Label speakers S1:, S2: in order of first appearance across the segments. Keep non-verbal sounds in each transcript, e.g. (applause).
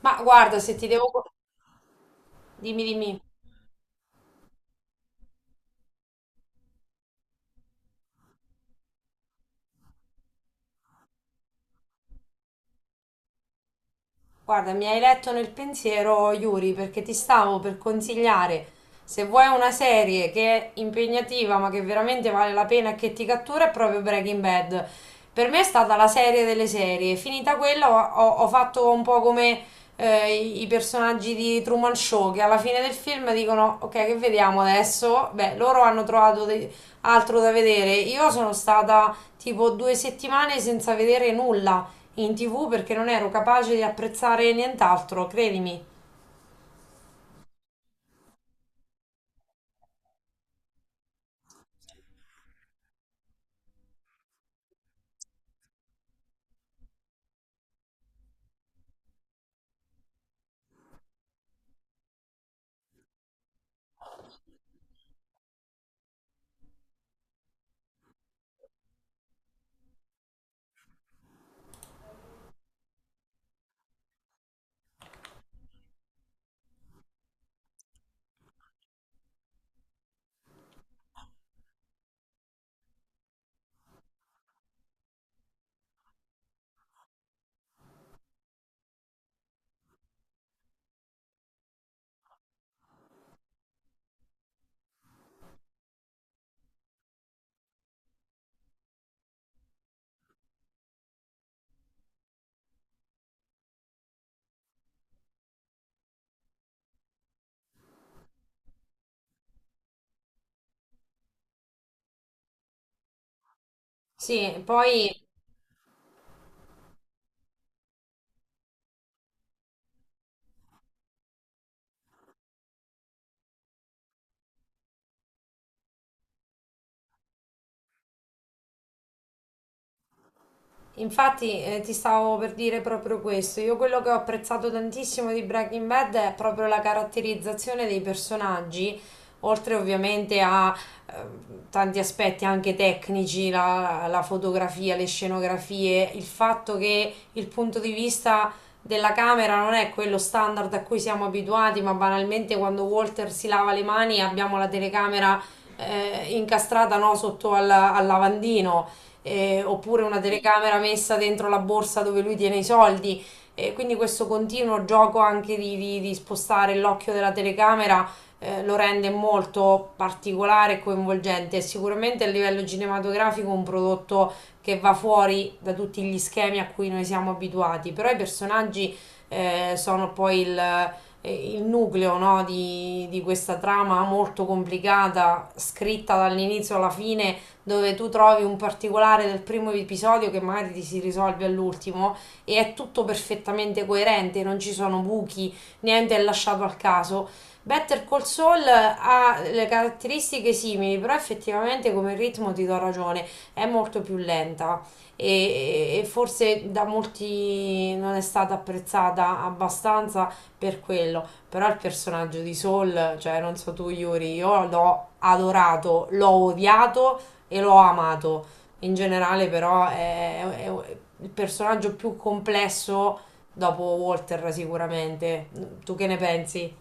S1: Ma guarda, se ti devo. Dimmi, dimmi. Guarda, mi hai letto nel pensiero, Yuri, perché ti stavo per consigliare, se vuoi una serie che è impegnativa ma che veramente vale la pena e che ti cattura, è proprio Breaking Bad. Per me è stata la serie delle serie. Finita quella ho fatto un po' come i personaggi di Truman Show, che alla fine del film dicono, ok, che vediamo adesso? Beh, loro hanno trovato altro da vedere. Io sono stata tipo 2 settimane senza vedere nulla in TV perché non ero capace di apprezzare nient'altro, credimi. Sì, poi. Infatti, ti stavo per dire proprio questo. Io quello che ho apprezzato tantissimo di Breaking Bad è proprio la caratterizzazione dei personaggi, oltre ovviamente a eh, tanti aspetti anche tecnici, la fotografia, le scenografie, il fatto che il punto di vista della camera non è quello standard a cui siamo abituati, ma banalmente quando Walter si lava le mani abbiamo la telecamera incastrata, no, sotto al lavandino, oppure una telecamera messa dentro la borsa dove lui tiene i soldi. E quindi questo continuo gioco anche di spostare l'occhio della telecamera lo rende molto particolare e coinvolgente. È sicuramente a livello cinematografico un prodotto che va fuori da tutti gli schemi a cui noi siamo abituati, però i personaggi sono poi il nucleo, no, di questa trama molto complicata, scritta dall'inizio alla fine dove tu trovi un particolare del primo episodio che magari ti si risolve all'ultimo e è tutto perfettamente coerente, non ci sono buchi, niente è lasciato al caso. Better Call Saul ha le caratteristiche simili, però effettivamente come ritmo ti do ragione, è molto più lenta e forse da molti non è stata apprezzata abbastanza per quello, però il personaggio di Saul, cioè non so tu Yuri, io l'ho adorato, l'ho odiato e l'ho amato. In generale, però, è il personaggio più complesso dopo Walter, sicuramente. Tu che ne pensi?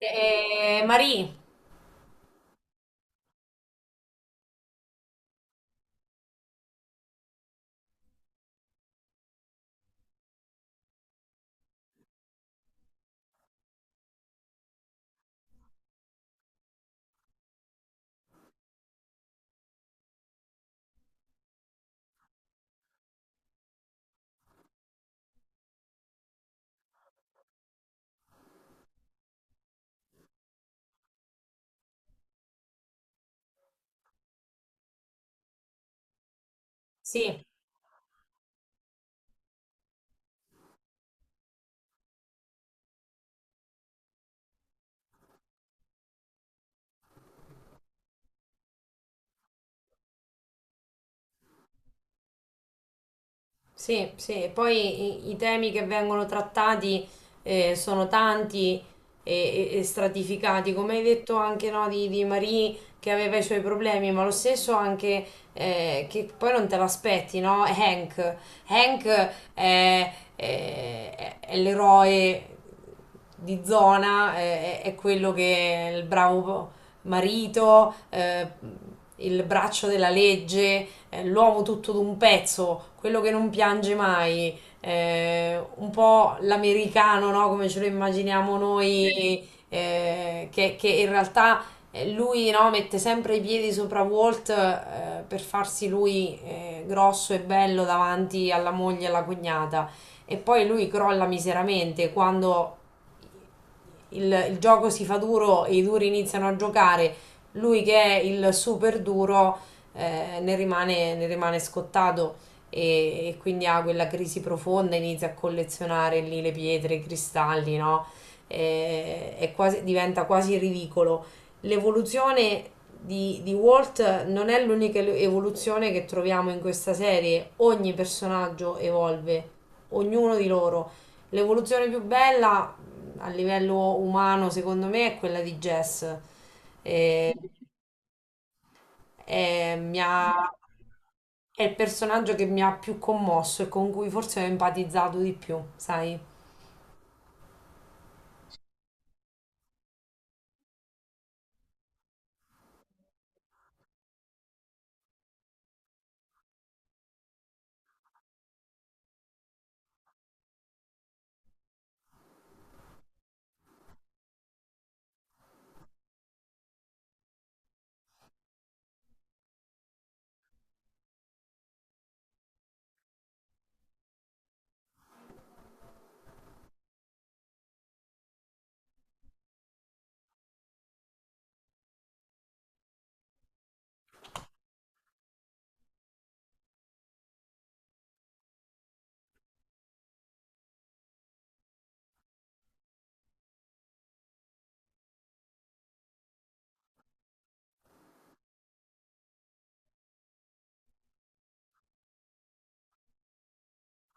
S1: Marie, sì. Sì, sì, e poi i temi che vengono trattati sono tanti e stratificati, come hai detto anche, no, di Marie che aveva i suoi problemi, ma lo stesso anche che poi non te l'aspetti, no? (laughs) Hank è l'eroe di zona, è quello che è il bravo marito, il braccio della legge, l'uomo tutto d'un pezzo, quello che non piange mai, un po' l'americano, no? Come ce lo immaginiamo noi, che in realtà lui, no, mette sempre i piedi sopra Walt, per farsi lui, grosso e bello davanti alla moglie e alla cognata. E poi lui crolla miseramente quando il gioco si fa duro e i duri iniziano a giocare, lui che è il super duro ne rimane scottato, e quindi ha quella crisi profonda, inizia a collezionare lì le pietre, i cristalli, no? E, è quasi, diventa quasi ridicolo. L'evoluzione di Walt non è l'unica evoluzione che troviamo in questa serie, ogni personaggio evolve, ognuno di loro. L'evoluzione più bella a livello umano, secondo me, è quella di Jess. E, e mi ha- è il personaggio che mi ha più commosso e con cui forse ho empatizzato di più, sai?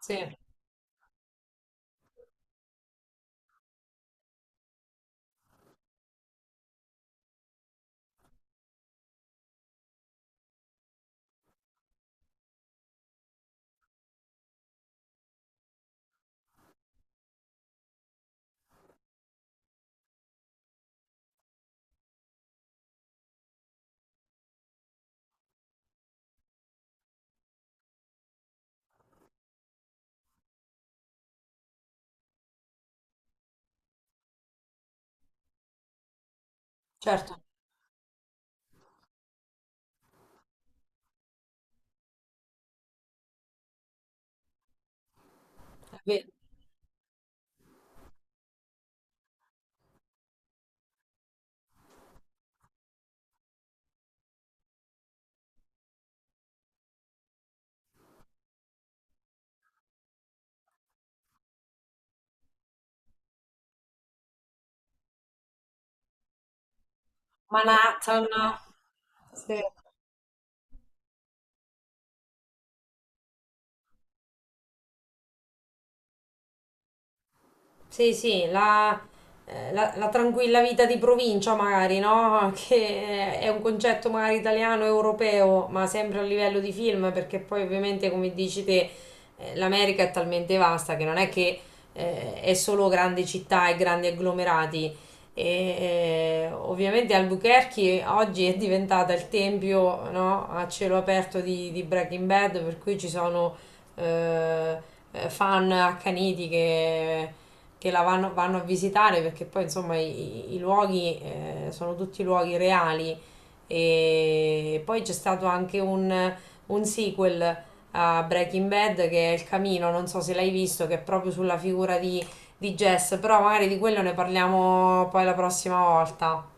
S1: Sì, certo, è vero. Manhattan. Sì. Sì, sì, la tranquilla vita di provincia magari, no? Che è un concetto magari italiano, europeo, ma sempre a livello di film, perché poi ovviamente, come dici te, l'America è talmente vasta che non è che è solo grandi città e grandi agglomerati. E, ovviamente Albuquerque oggi è diventata il tempio, no? A cielo aperto di Breaking Bad, per cui ci sono eh, fan accaniti che la vanno a visitare perché poi insomma i luoghi sono tutti luoghi reali e poi c'è stato anche un sequel a Breaking Bad che è Il Camino, non so se l'hai visto, che è proprio sulla figura di Jess, però magari di quello ne parliamo poi la prossima volta.